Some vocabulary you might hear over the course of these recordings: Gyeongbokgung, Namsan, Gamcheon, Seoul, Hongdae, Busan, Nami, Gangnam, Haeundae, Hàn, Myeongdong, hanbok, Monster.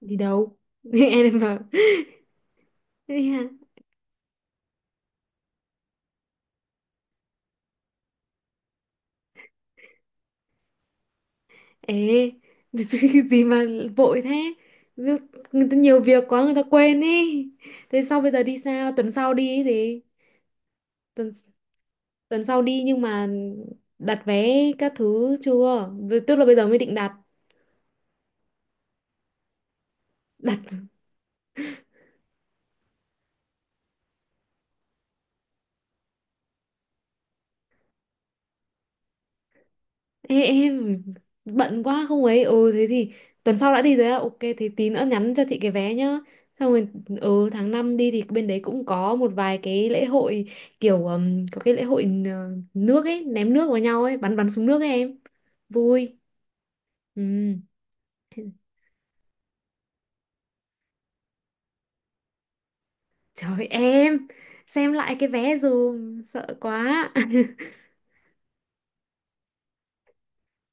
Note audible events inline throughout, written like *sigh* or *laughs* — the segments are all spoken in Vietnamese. Đi đâu *laughs* em bảo? Ê, hả? Ê, *laughs* gì mà vội thế? Người ta nhiều việc quá người ta quên ý. Thế sau bây giờ đi sao, tuần sau đi ý gì? Tuần tuần sau đi nhưng mà đặt vé các thứ chưa? Tức là bây giờ mới định đặt. đặt Ê, em bận quá không ấy, ừ thế thì tuần sau đã đi rồi á, ok, thế tí nữa nhắn cho chị cái vé nhá, xong rồi. Ừ, tháng 5 đi thì bên đấy cũng có một vài cái lễ hội, kiểu có cái lễ hội, nước ấy, ném nước vào nhau ấy, bắn bắn súng nước ấy em, vui. Ừ. Trời em, xem lại cái vé dùm, sợ quá.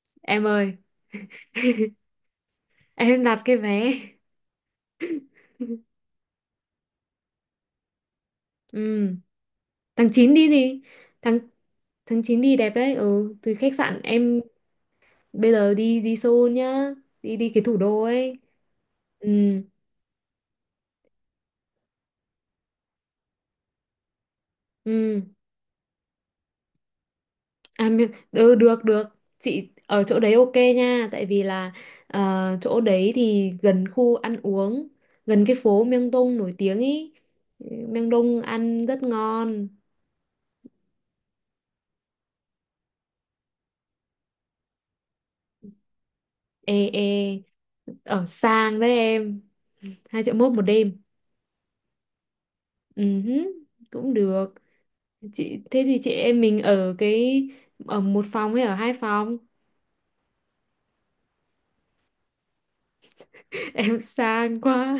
*laughs* Em ơi, *laughs* em đặt cái vé. Ừ. tháng 9 đi gì? Tháng tháng 9 đi đẹp đấy, ừ, từ khách sạn em bây giờ đi đi Seoul nhá, đi đi cái thủ đô ấy. Ừ, ừ. à mi- ừ, được được, chị ở chỗ đấy, ok nha, tại vì là, chỗ đấy thì gần khu ăn uống, gần cái phố Myeongdong nổi tiếng ý. Myeongdong ăn rất ngon. Ê, ê, ở sang đấy em, 2,1 triệu một đêm. Ừ hứ, cũng được. Chị, thế thì chị em mình ở cái, ở một phòng hay ở 2 phòng? *laughs* Em sang quá,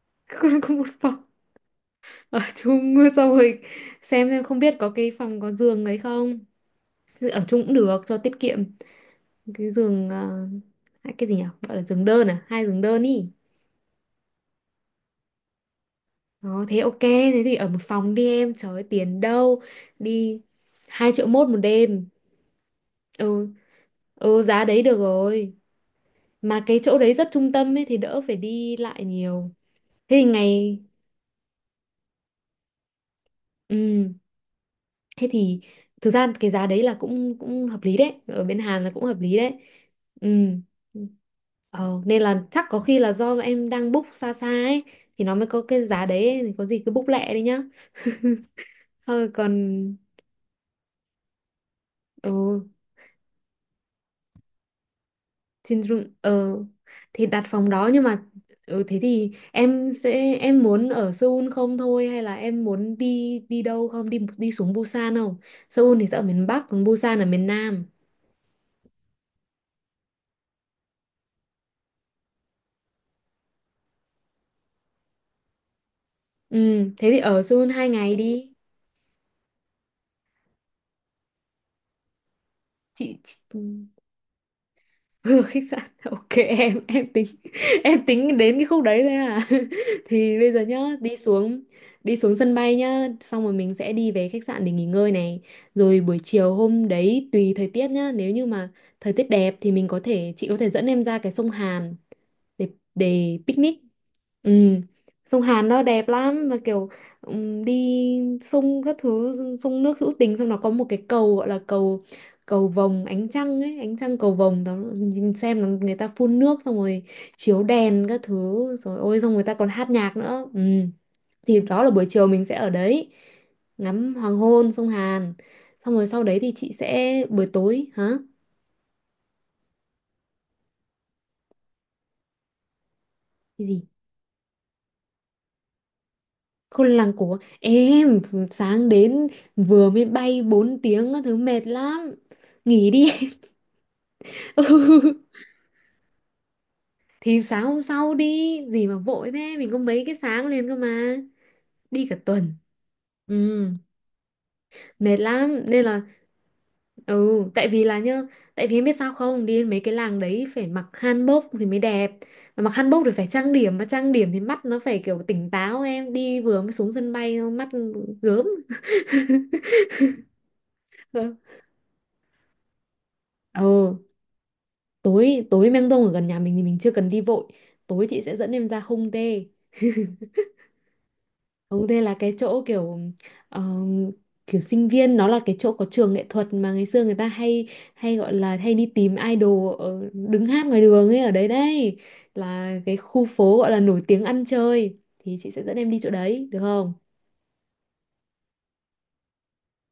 *laughs* không có một phòng. Ở chung, *laughs* xong rồi xem không biết có cái phòng có giường đấy không. Ở chung cũng được cho tiết kiệm, cái giường, cái gì nhỉ, gọi là giường đơn à, 2 giường đơn ý. Đó, thế ok, thế thì ở một phòng đi em, trời ơi, tiền đâu đi. 2,1 triệu một đêm. Ừ, ừ, giá đấy được rồi, mà cái chỗ đấy rất trung tâm ấy thì đỡ phải đi lại nhiều. Thế thì ngày, ừ. Thế thì thực ra cái giá đấy là cũng cũng hợp lý đấy, ở bên Hàn là cũng hợp lý đấy. Ừ. Ờ, nên là chắc có khi là do em đang book xa xa ấy thì nó mới có cái giá đấy ấy, thì có gì cứ book lẹ đi nhá. *laughs* Thôi còn, ừ, trên room, thì đặt phòng đó. Nhưng mà ừ, thế thì em sẽ, em muốn ở Seoul không thôi hay là em muốn đi, đi đâu không, đi đi xuống Busan không? Seoul thì sẽ ở miền Bắc, còn Busan ở miền Nam. Ừ, thế thì ở Seoul 2 ngày đi. Chị... Ừ, khách sạn, *laughs* ok, em tính, *laughs* em tính đến cái khúc đấy thôi à? *laughs* Thì bây giờ nhá, đi xuống, đi xuống sân bay nhá, xong rồi mình sẽ đi về khách sạn để nghỉ ngơi này, rồi buổi chiều hôm đấy tùy thời tiết nhá, nếu như mà thời tiết đẹp thì mình có thể, chị có thể dẫn em ra cái sông Hàn để để picnic. Ừ. Sông Hàn nó đẹp lắm, mà kiểu đi sông các thứ, sông nước hữu tình, xong nó có một cái cầu gọi là cầu cầu vồng ánh trăng ấy, ánh trăng cầu vồng đó, nhìn xem nó người ta phun nước, xong rồi chiếu đèn các thứ rồi ôi, xong người ta còn hát nhạc nữa. Ừ. Thì đó là buổi chiều mình sẽ ở đấy, ngắm hoàng hôn sông Hàn, xong rồi sau đấy thì chị sẽ, buổi tối hả. Cái gì? Khôn làng của em sáng đến, vừa mới bay 4 tiếng á, thứ mệt lắm, nghỉ đi em. *laughs* Ừ. Thì sáng hôm sau đi, gì mà vội thế, mình có mấy cái sáng liền cơ mà, đi cả tuần. Ừ. Mệt lắm nên là, ừ tại vì là nhá, tại vì em biết sao không, đi đến mấy cái làng đấy phải mặc hanbok thì mới đẹp, mà mặc hanbok thì phải trang điểm, mà trang điểm thì mắt nó phải kiểu tỉnh táo, em đi vừa mới xuống sân bay mắt gớm. *laughs* Ừ, tối, tối Meng Dong ở gần nhà mình thì mình chưa cần đi vội, tối chị sẽ dẫn em ra Hung Dae. Hung Dae là cái chỗ kiểu ờm, kiểu sinh viên, nó là cái chỗ có trường nghệ thuật mà ngày xưa người ta hay, hay gọi là hay đi tìm idol ở, đứng hát ngoài đường ấy, ở đấy đây là cái khu phố gọi là nổi tiếng ăn chơi, thì chị sẽ dẫn em đi chỗ đấy được không?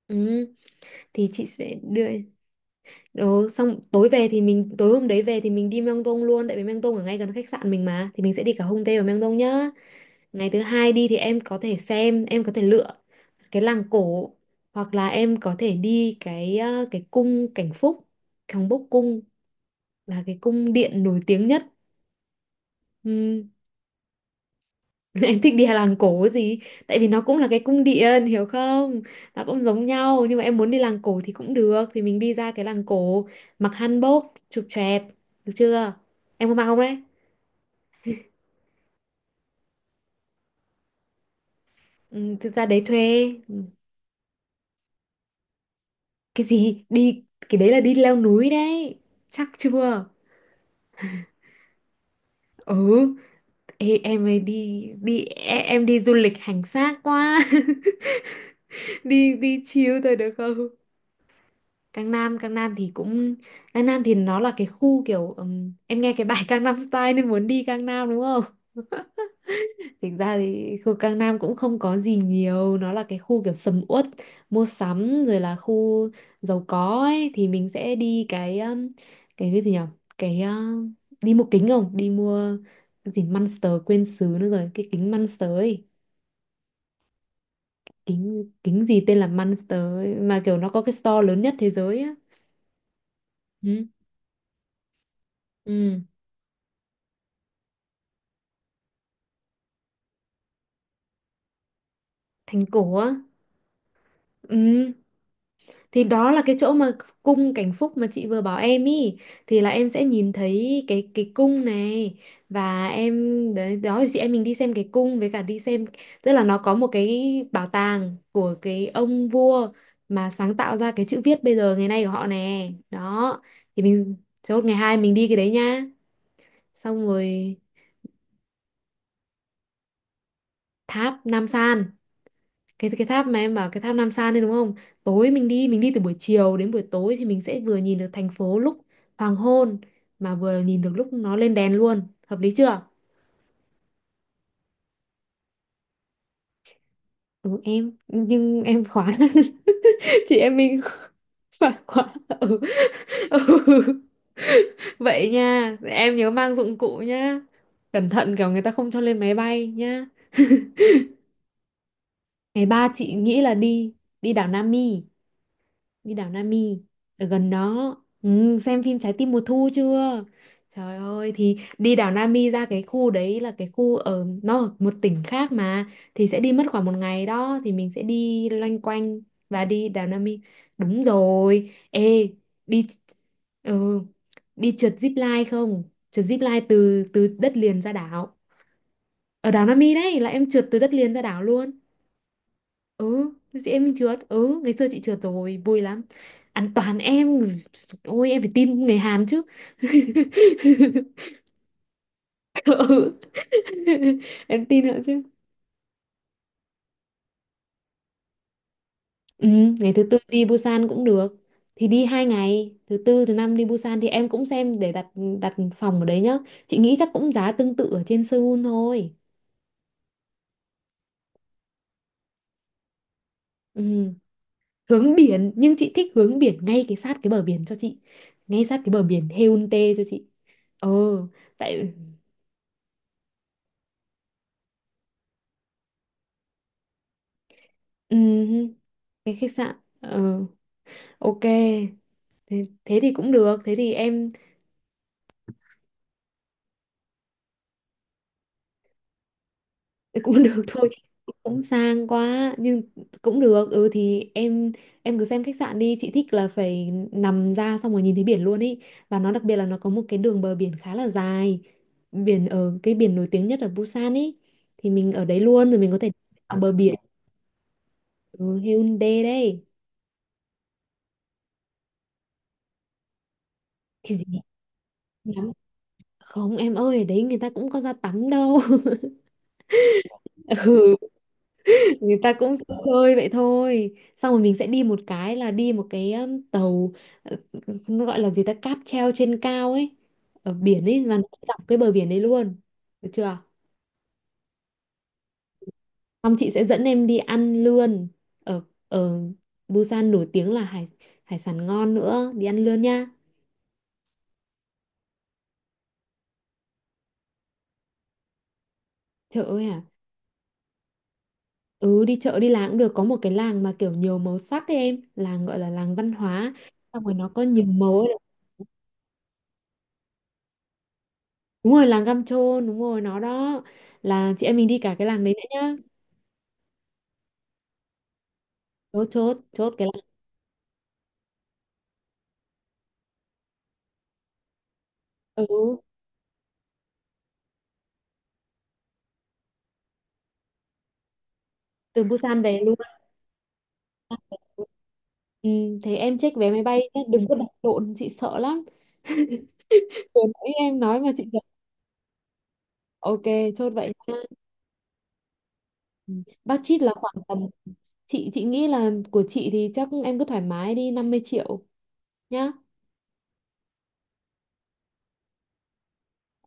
Ừ, thì chị sẽ đưa đồ, xong tối về thì mình, tối hôm đấy về thì mình đi Myeongdong luôn, tại vì Myeongdong ở ngay gần khách sạn mình mà, thì mình sẽ đi cả Hongdae và Myeongdong nhá. Ngày thứ hai đi thì em có thể xem, em có thể lựa cái làng cổ, hoặc là em có thể đi cái, cái cung Cảnh Phúc, 경복 Bốc cung là cái cung điện nổi tiếng nhất. Ừm, *laughs* em thích đi làng cổ gì? Tại vì nó cũng là cái cung điện, hiểu không? Nó cũng giống nhau nhưng mà em muốn đi làng cổ thì cũng được, thì mình đi ra cái làng cổ mặc hanbok, chụp choẹt, được chưa? Em có mặc không đấy? Ừ, thực ra đấy thuê. Ừ, cái gì, đi cái đấy là đi leo núi đấy, chắc chưa. Ừ, ê, em ấy đi đi, em đi du lịch hành xác quá. *laughs* Đi đi chill thôi được không? Cang Nam, Cang Nam thì cũng, Cang Nam thì nó là cái khu kiểu em nghe cái bài Cang Nam Style nên muốn đi Cang Nam đúng không? *laughs* Thực ra thì khu Cang Nam cũng không có gì nhiều, nó là cái khu kiểu sầm uất, mua sắm, rồi là khu giàu có ấy, thì mình sẽ đi cái cái gì nhỉ? Cái đi mua kính không? Đi mua cái gì Monster quên xứ nữa rồi, cái kính Monster ấy, kính kính gì tên là Monster ấy, mà kiểu nó có cái store lớn nhất thế giới á. Ừ, ừ, thành cổ á. Ừ, thì đó là cái chỗ mà cung Cảnh Phúc mà chị vừa bảo em ý, thì là em sẽ nhìn thấy cái cung này và em, đấy đó, thì chị em mình đi xem cái cung với cả đi xem, tức là nó có một cái bảo tàng của cái ông vua mà sáng tạo ra cái chữ viết bây giờ ngày nay của họ nè, đó. Thì mình chốt ngày 2 mình đi cái đấy nhá, xong rồi. Tháp Nam San, cái tháp mà em bảo, cái tháp Nam San đấy đúng không? Tối mình đi, mình đi từ buổi chiều đến buổi tối thì mình sẽ vừa nhìn được thành phố lúc hoàng hôn, mà vừa nhìn được lúc nó lên đèn luôn. Hợp lý chưa? Ừ, em nhưng em khóa. *laughs* Chị em mình *laughs* phải khóa. Ừ, ừ, vậy nha, em nhớ mang dụng cụ nhá, cẩn thận kiểu người ta không cho lên máy bay nhá. ngày 3 chị nghĩ là đi, đi đảo Nam Mi, đi đảo Nami ở gần đó. Ừ, xem phim Trái tim mùa thu chưa, trời ơi, thì đi đảo Nami, ra cái khu đấy là cái khu ở, nó ở một tỉnh khác mà, thì sẽ đi mất khoảng một ngày đó, thì mình sẽ đi loanh quanh và đi đảo Nami, đúng rồi. Ê, đi, ừ, đi trượt zip line không, trượt zip line từ từ đất liền ra đảo, ở đảo Nami đấy, là em trượt từ đất liền ra đảo luôn. Ừ, chị em mình trượt, ừ ngày xưa chị trượt rồi vui lắm. Ăn toàn em, ôi em phải tin người Hàn chứ. *laughs* Ừ, em tin họ chứ. Ừ, ngày thứ tư đi Busan cũng được, thì đi 2 ngày thứ tư thứ năm đi Busan thì em cũng xem để đặt, đặt phòng ở đấy nhá, chị nghĩ chắc cũng giá tương tự ở trên Seoul thôi. Ừ, hướng biển, nhưng chị thích hướng biển ngay cái sát cái bờ biển cho chị, ngay sát cái bờ biển Haeundae cho chị. Ờ, tại, ừ, cái khách sạn ok. Thế, thế thì cũng được, thế thì em, *laughs* cũng được thôi, cũng sang quá nhưng cũng được. Ừ thì em cứ xem khách sạn đi, chị thích là phải nằm ra xong rồi nhìn thấy biển luôn ý, và nó đặc biệt là nó có một cái đường bờ biển khá là dài, biển ở, cái biển nổi tiếng nhất ở Busan ý, thì mình ở đấy luôn rồi mình có thể ở bờ biển. Ừ, Hyundai đây. Thì gì lắm, không em ơi, ở đấy người ta cũng có ra tắm đâu. *laughs* Ừ, người ta cũng chơi chơi vậy thôi, xong rồi mình sẽ đi một cái là đi một cái tàu, ờ, nó gọi là gì ta, cáp treo trên cao ấy, ở biển ấy và nó dọc cái bờ biển đấy luôn. Được chưa? Xong chị sẽ dẫn em đi ăn lươn, ở, ở Busan nổi tiếng là hải hải sản ngon nữa, đi ăn lươn nha. Chợ ấy à? Ừ, đi chợ đi làng cũng được, có một cái làng mà kiểu nhiều màu sắc ấy em, làng gọi là làng văn hóa, xong rồi nó có nhiều màu ấy. Đúng rồi, làng Găm Trôn, đúng rồi, nó đó. Là chị em mình đi cả cái làng đấy nữa nhá. Chốt, chốt, chốt cái làng. Ừ, từ Busan về luôn. Ừ, thế em check vé máy bay nhé, đừng có đặt lộn, chị sợ lắm. Vừa nãy em nói mà chị sợ. Ok, chốt vậy nha. Ừ. Budget là khoảng tầm, chị nghĩ là của chị thì chắc em cứ thoải mái đi 50 triệu nhá.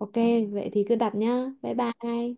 Ok, vậy thì cứ đặt nhá. Bye bye.